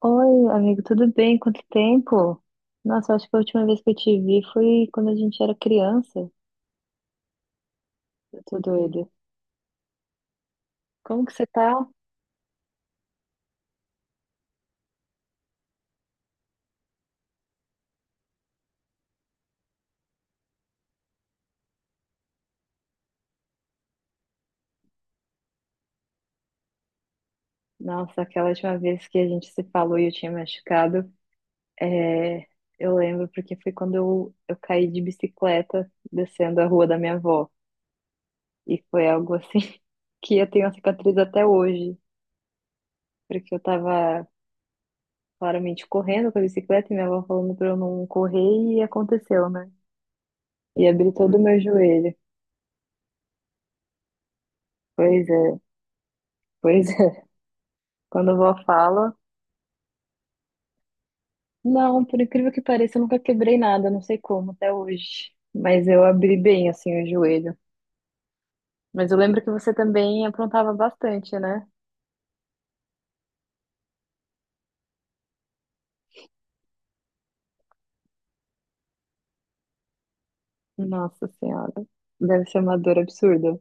Oi, amigo, tudo bem? Quanto tempo? Nossa, eu acho que a última vez que eu te vi foi quando a gente era criança. Eu tô doida. Como que você tá? Nossa, aquela última vez que a gente se falou e eu tinha machucado, é, eu lembro porque foi quando eu caí de bicicleta descendo a rua da minha avó. E foi algo assim que eu tenho a cicatriz até hoje, porque eu tava claramente correndo com a bicicleta e minha avó falando pra eu não correr e aconteceu, né? E abri todo o meu joelho. Pois é. Pois é, quando a vó fala, não, por incrível que pareça, eu nunca quebrei nada, não sei como até hoje. Mas eu abri bem assim o joelho. Mas eu lembro que você também aprontava bastante, né? Nossa Senhora, deve ser uma dor absurda.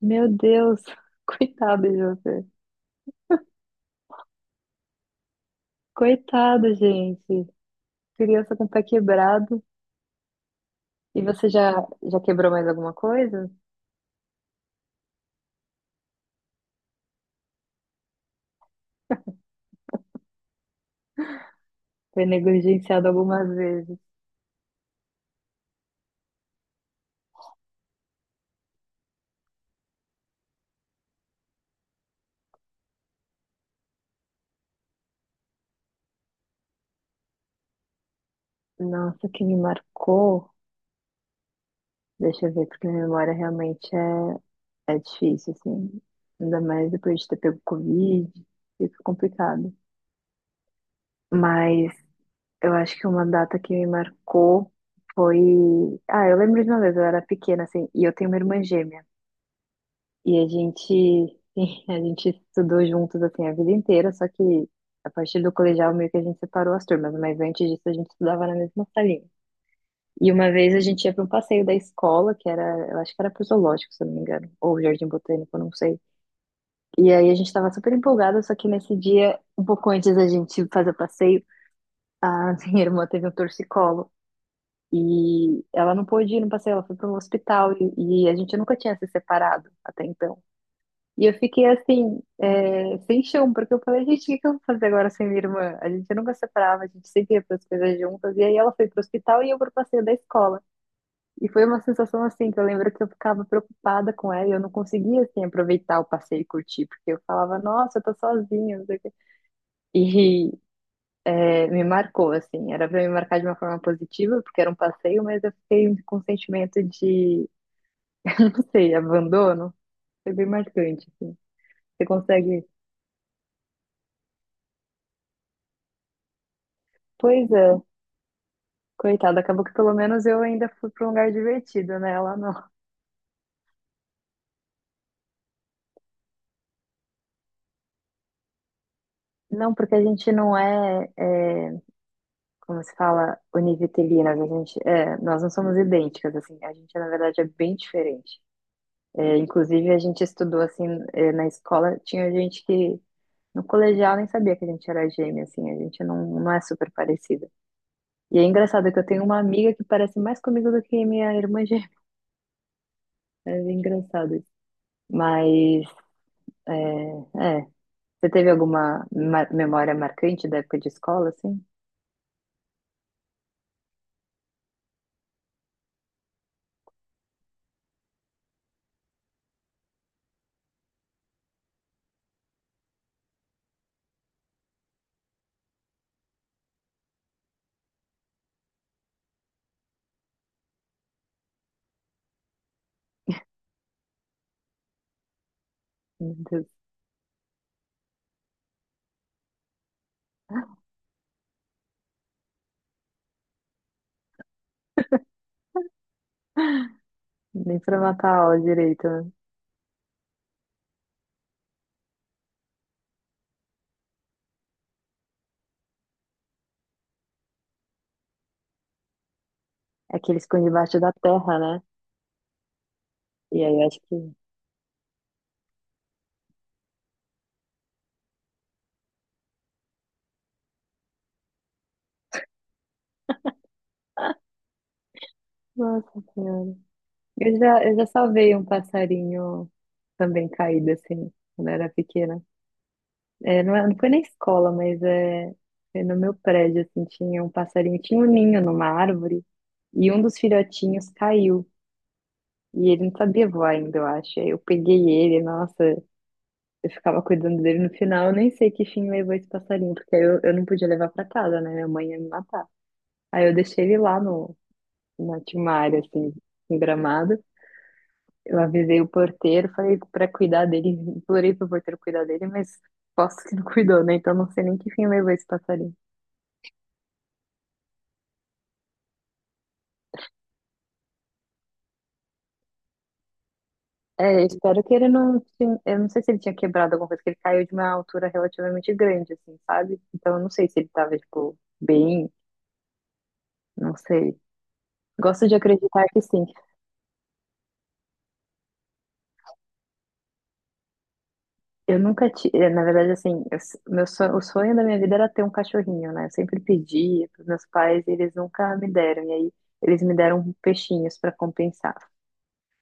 Meu Deus, coitado de você. Coitado, gente. Criança com o pé quebrado. E você já quebrou mais alguma coisa? Foi negligenciado algumas vezes. Nossa, o que me marcou. Deixa eu ver, porque minha memória realmente é. É difícil, assim. Ainda mais depois de ter pego Covid, fica complicado. Mas eu acho que uma data que me marcou foi. Ah, eu lembro de uma vez, eu era pequena, assim, e eu tenho uma irmã gêmea. E a gente, a gente estudou juntos, assim, a vida inteira, só que a partir do colegial meio que a gente separou as turmas, mas antes disso a gente estudava na mesma salinha. E uma vez a gente ia para um passeio da escola, que era, eu acho que era pro zoológico, se eu não me engano, ou Jardim Botânico, eu não sei. E aí a gente tava super empolgada, só que nesse dia, um pouco antes da gente fazer o passeio, a minha irmã teve um torcicolo. E ela não pôde ir no passeio, ela foi para um hospital e a gente nunca tinha se separado até então. E eu fiquei assim, sem chão, porque eu falei, gente, o que que eu vou fazer agora sem minha irmã? A gente nunca separava, a gente sempre ia para as coisas juntas. E aí ela foi para o hospital e eu para o passeio da escola. E foi uma sensação assim, que eu lembro que eu ficava preocupada com ela e eu não conseguia assim, aproveitar o passeio e curtir, porque eu falava, nossa, eu tô sozinha, não sei o quê. E me marcou, assim, era pra me marcar de uma forma positiva, porque era um passeio, mas eu fiquei com um sentimento de, não sei, abandono. Foi bem marcante, assim. Você consegue. Pois é, coitada, acabou que pelo menos eu ainda fui pra um lugar divertido, né? Ela não. Não, porque a gente não é como se fala, univitelinas, a gente, nós não somos idênticas, assim, a gente, na verdade, é bem diferente. É, inclusive, a gente estudou, assim, na escola, tinha gente que, no colegial, nem sabia que a gente era gêmea, assim, a gente não, não é super parecida. E é engraçado que eu tenho uma amiga que parece mais comigo do que minha irmã gêmea, é engraçado isso. Mas, é, é, você teve alguma memória marcante da época de escola, assim? Meu Deus, nem pra matar a aula direito, né? É que eles ficam debaixo da terra, né? E aí acho que. Nossa Senhora. Eu já salvei um passarinho também caído, assim, quando eu era pequena. É, não, não foi na escola, mas foi no meu prédio, assim, tinha um passarinho, tinha um ninho numa árvore, e um dos filhotinhos caiu. E ele não sabia voar ainda, eu acho. Aí eu peguei ele, nossa, eu ficava cuidando dele no final, eu nem sei que fim levou esse passarinho, porque aí eu não podia levar pra casa, né? Minha mãe ia me matar. Aí eu deixei ele lá no, na Timária, assim, em Gramado. Eu avisei o porteiro, falei pra cuidar dele, implorei pro porteiro cuidar dele, mas posso que não cuidou, né? Então não sei nem que fim levou esse passarinho. É, eu espero que ele não. Eu não sei se ele tinha quebrado alguma coisa, que ele caiu de uma altura relativamente grande, assim, sabe? Então eu não sei se ele tava, tipo, bem, não sei. Gosto de acreditar que sim. Eu nunca tive, na verdade, assim, meu sonho, o sonho da minha vida era ter um cachorrinho, né? Eu sempre pedia pros meus pais e eles nunca me deram. E aí eles me deram peixinhos para compensar.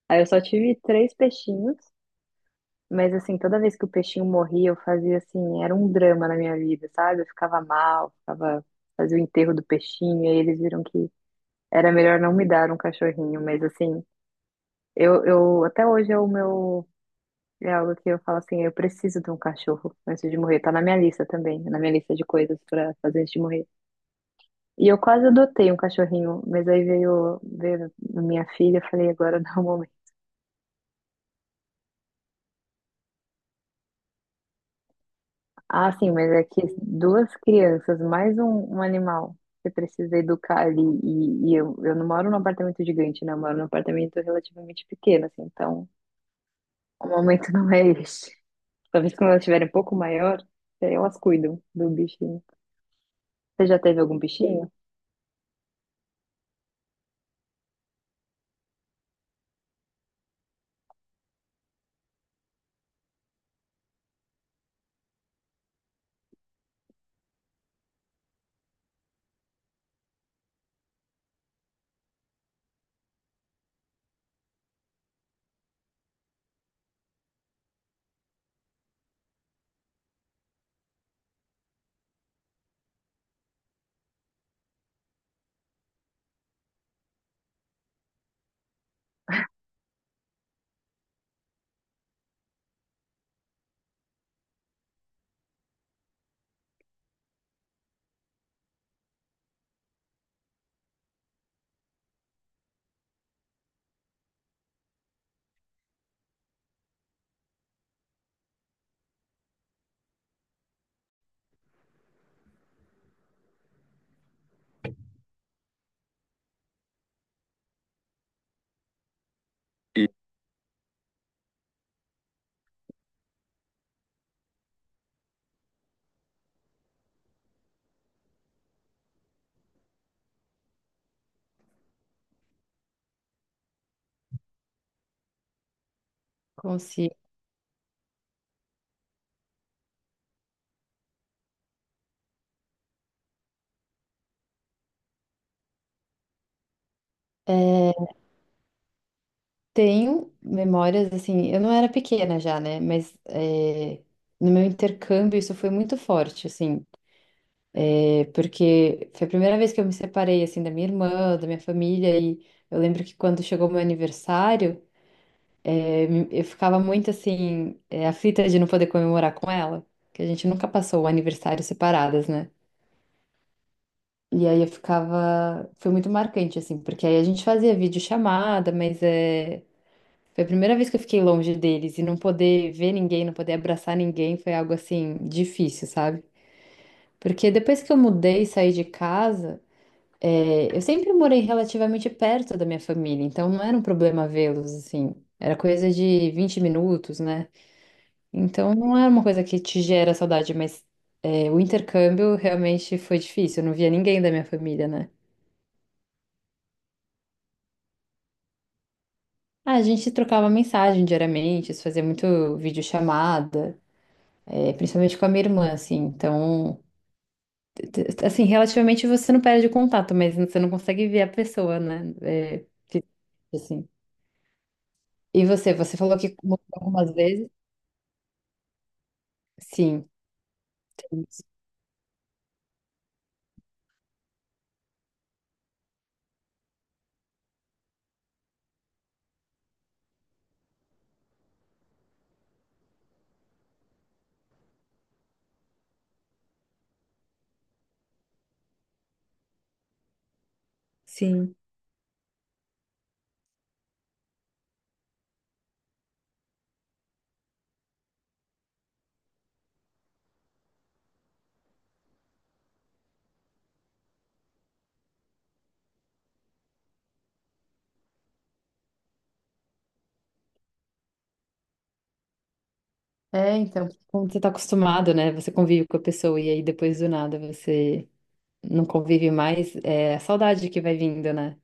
Aí eu só tive três peixinhos, mas assim, toda vez que o peixinho morria, eu fazia assim, era um drama na minha vida, sabe? Eu ficava mal, ficava, fazia o enterro do peixinho, e aí eles viram que era melhor não me dar um cachorrinho, mas assim, eu até hoje é o meu. É algo que eu falo assim, eu preciso de um cachorro antes de morrer. Tá na minha lista também, na minha lista de coisas pra fazer antes de morrer. E eu quase adotei um cachorrinho, mas aí veio minha filha, eu falei, agora não é o momento. Ah, sim, mas é que duas crianças, mais um animal, você precisa educar ali. E eu não moro num apartamento gigante, né? Eu moro num apartamento relativamente pequeno, assim, então o momento não é este. Talvez quando elas estiverem um pouco maior, aí elas cuidam do bichinho. Você já teve algum bichinho? E Consigo. É, tenho memórias, assim, eu não era pequena já, né? Mas no meu intercâmbio isso foi muito forte, assim, porque foi a primeira vez que eu me separei, assim, da minha irmã, da minha família, e eu lembro que quando chegou meu aniversário, eu ficava muito, assim, aflita de não poder comemorar com ela, que a gente nunca passou o aniversário separadas, né? E aí eu ficava, foi muito marcante, assim, porque aí a gente fazia videochamada, mas é. Foi a primeira vez que eu fiquei longe deles e não poder ver ninguém, não poder abraçar ninguém foi algo assim difícil, sabe? Porque depois que eu mudei e saí de casa, eu sempre morei relativamente perto da minha família, então não era um problema vê-los assim. Era coisa de 20 minutos, né? Então não era uma coisa que te gera saudade, mas o intercâmbio realmente foi difícil. Eu não via ninguém da minha família, né? Ah, a gente trocava mensagem diariamente, se fazia muito videochamada. É, principalmente com a minha irmã, assim. Então, t- assim, relativamente você não perde o contato, mas você não consegue ver a pessoa, né? Assim. E você falou que mudou algumas vezes? Sim, tem isso. Sim. Então, como você tá acostumado, né? Você convive com a pessoa e aí depois do nada você não convive mais, é a saudade que vai vindo, né?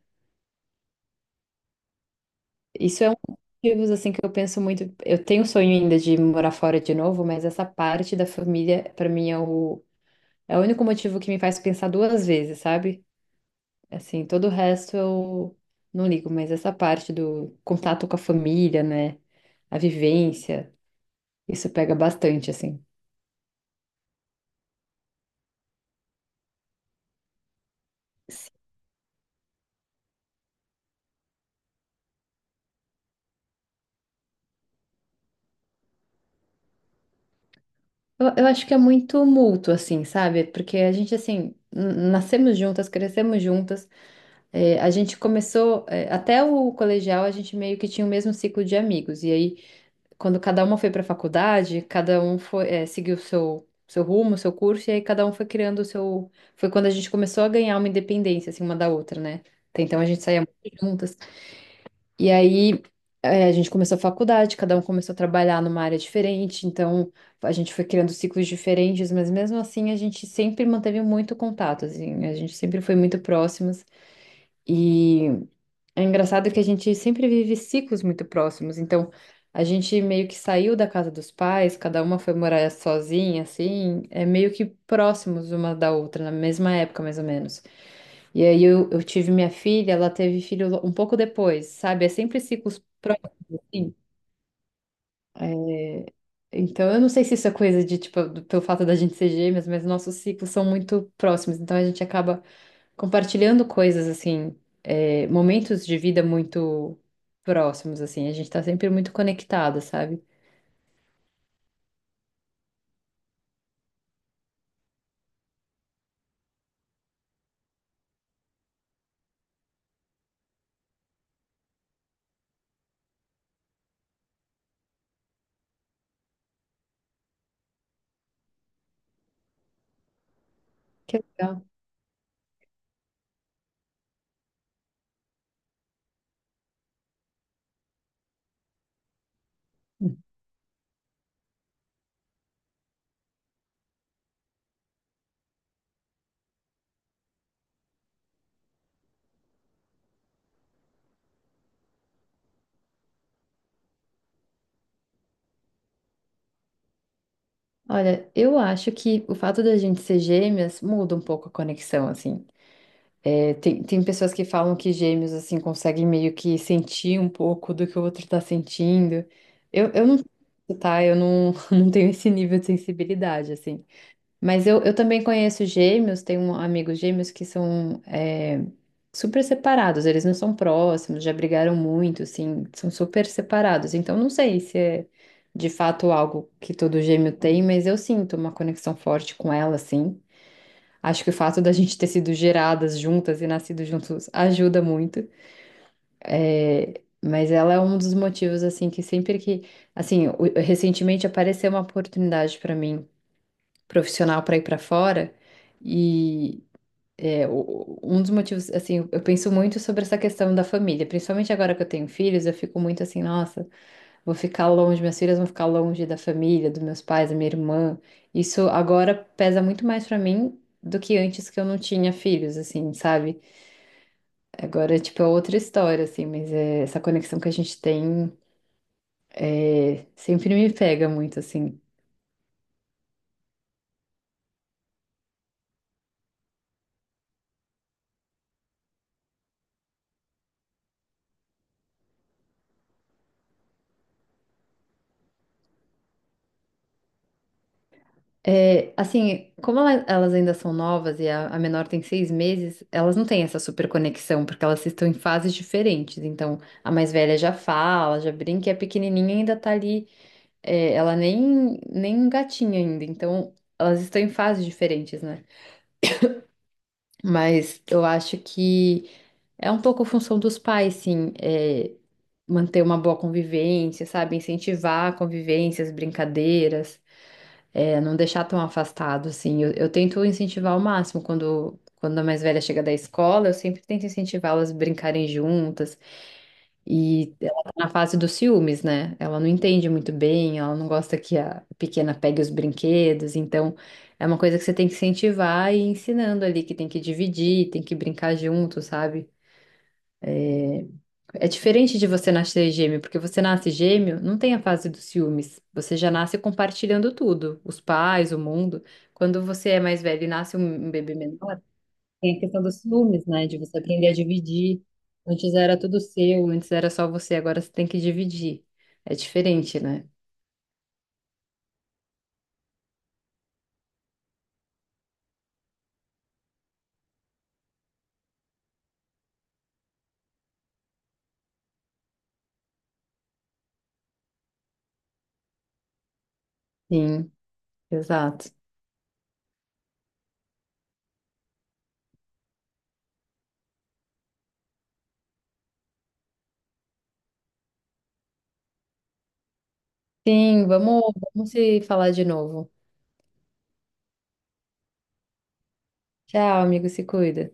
Isso é um dos motivos, assim, que eu penso muito. Eu tenho o sonho ainda de morar fora de novo, mas essa parte da família, pra mim, é o único motivo que me faz pensar duas vezes, sabe? Assim, todo o resto eu não ligo, mas essa parte do contato com a família, né? A vivência, isso pega bastante, assim. Eu acho que é muito mútuo, assim, sabe? Porque a gente, assim, nascemos juntas, crescemos juntas. É, a gente começou, até o colegial, a gente meio que tinha o mesmo ciclo de amigos. E aí quando cada uma foi para a faculdade, cada um foi, seguiu o seu rumo, seu curso, e aí cada um foi criando o seu. Foi quando a gente começou a ganhar uma independência, assim, uma da outra, né? Até então a gente saía muito juntas. E aí a gente começou a faculdade, cada um começou a trabalhar numa área diferente, então a gente foi criando ciclos diferentes, mas mesmo assim a gente sempre manteve muito contato, assim, a gente sempre foi muito próximas. E. É engraçado que a gente sempre vive ciclos muito próximos, então a gente meio que saiu da casa dos pais, cada uma foi morar sozinha, assim, é meio que próximos uma da outra, na mesma época mais ou menos. E aí eu tive minha filha, ela teve filho um pouco depois, sabe? É sempre ciclos próximos. Assim. É, então eu não sei se isso é coisa de, tipo, pelo fato da gente ser gêmeas, mas nossos ciclos são muito próximos, então a gente acaba compartilhando coisas assim, momentos de vida muito próximos, assim, a gente tá sempre muito conectada, sabe? Que legal. Olha, eu acho que o fato da gente ser gêmeas muda um pouco a conexão, assim. É, tem pessoas que falam que gêmeos, assim, conseguem meio que sentir um pouco do que o outro tá sentindo. Eu não, tá? Eu não, não tenho esse nível de sensibilidade, assim. Mas eu também conheço gêmeos, tenho amigos gêmeos que são super separados, eles não são próximos, já brigaram muito, assim, são super separados. Então não sei se é de fato algo que todo gêmeo tem, mas eu sinto uma conexão forte com ela, assim. Acho que o fato da gente ter sido geradas juntas e nascido juntos ajuda muito. É, mas ela é um dos motivos, assim, que sempre que. Assim, recentemente apareceu uma oportunidade para mim, profissional, para ir para fora. É, um dos motivos, assim, eu penso muito sobre essa questão da família, principalmente agora que eu tenho filhos, eu fico muito assim, nossa, vou ficar longe, minhas filhas vão ficar longe da família, dos meus pais, da minha irmã. Isso agora pesa muito mais pra mim do que antes que eu não tinha filhos, assim, sabe? Agora, tipo, é outra história, assim, mas essa conexão que a gente tem sempre me pega muito, assim. É, assim, como elas ainda são novas e a menor tem 6 meses, elas não têm essa super conexão, porque elas estão em fases diferentes. Então, a mais velha já fala, já brinca, e a pequenininha ainda tá ali, ela nem um gatinho ainda. Então, elas estão em fases diferentes, né? Mas eu acho que é um pouco função dos pais, sim, manter uma boa convivência, sabe? Incentivar convivências, brincadeiras. É, não deixar tão afastado, assim. Eu tento incentivar ao máximo. Quando a mais velha chega da escola, eu sempre tento incentivá-las a brincarem juntas. E ela tá na fase dos ciúmes, né? Ela não entende muito bem, ela não gosta que a pequena pegue os brinquedos. Então, é uma coisa que você tem que incentivar e ir ensinando ali, que tem que dividir, tem que brincar junto, sabe? É diferente de você nascer gêmeo, porque você nasce gêmeo, não tem a fase dos ciúmes. Você já nasce compartilhando tudo, os pais, o mundo. Quando você é mais velho e nasce um bebê menor, tem a questão dos ciúmes, né? De você aprender a dividir. Antes era tudo seu, antes era só você, agora você tem que dividir. É diferente, né? Sim, exato. Sim, vamos se falar de novo. Tchau, amigo, se cuida.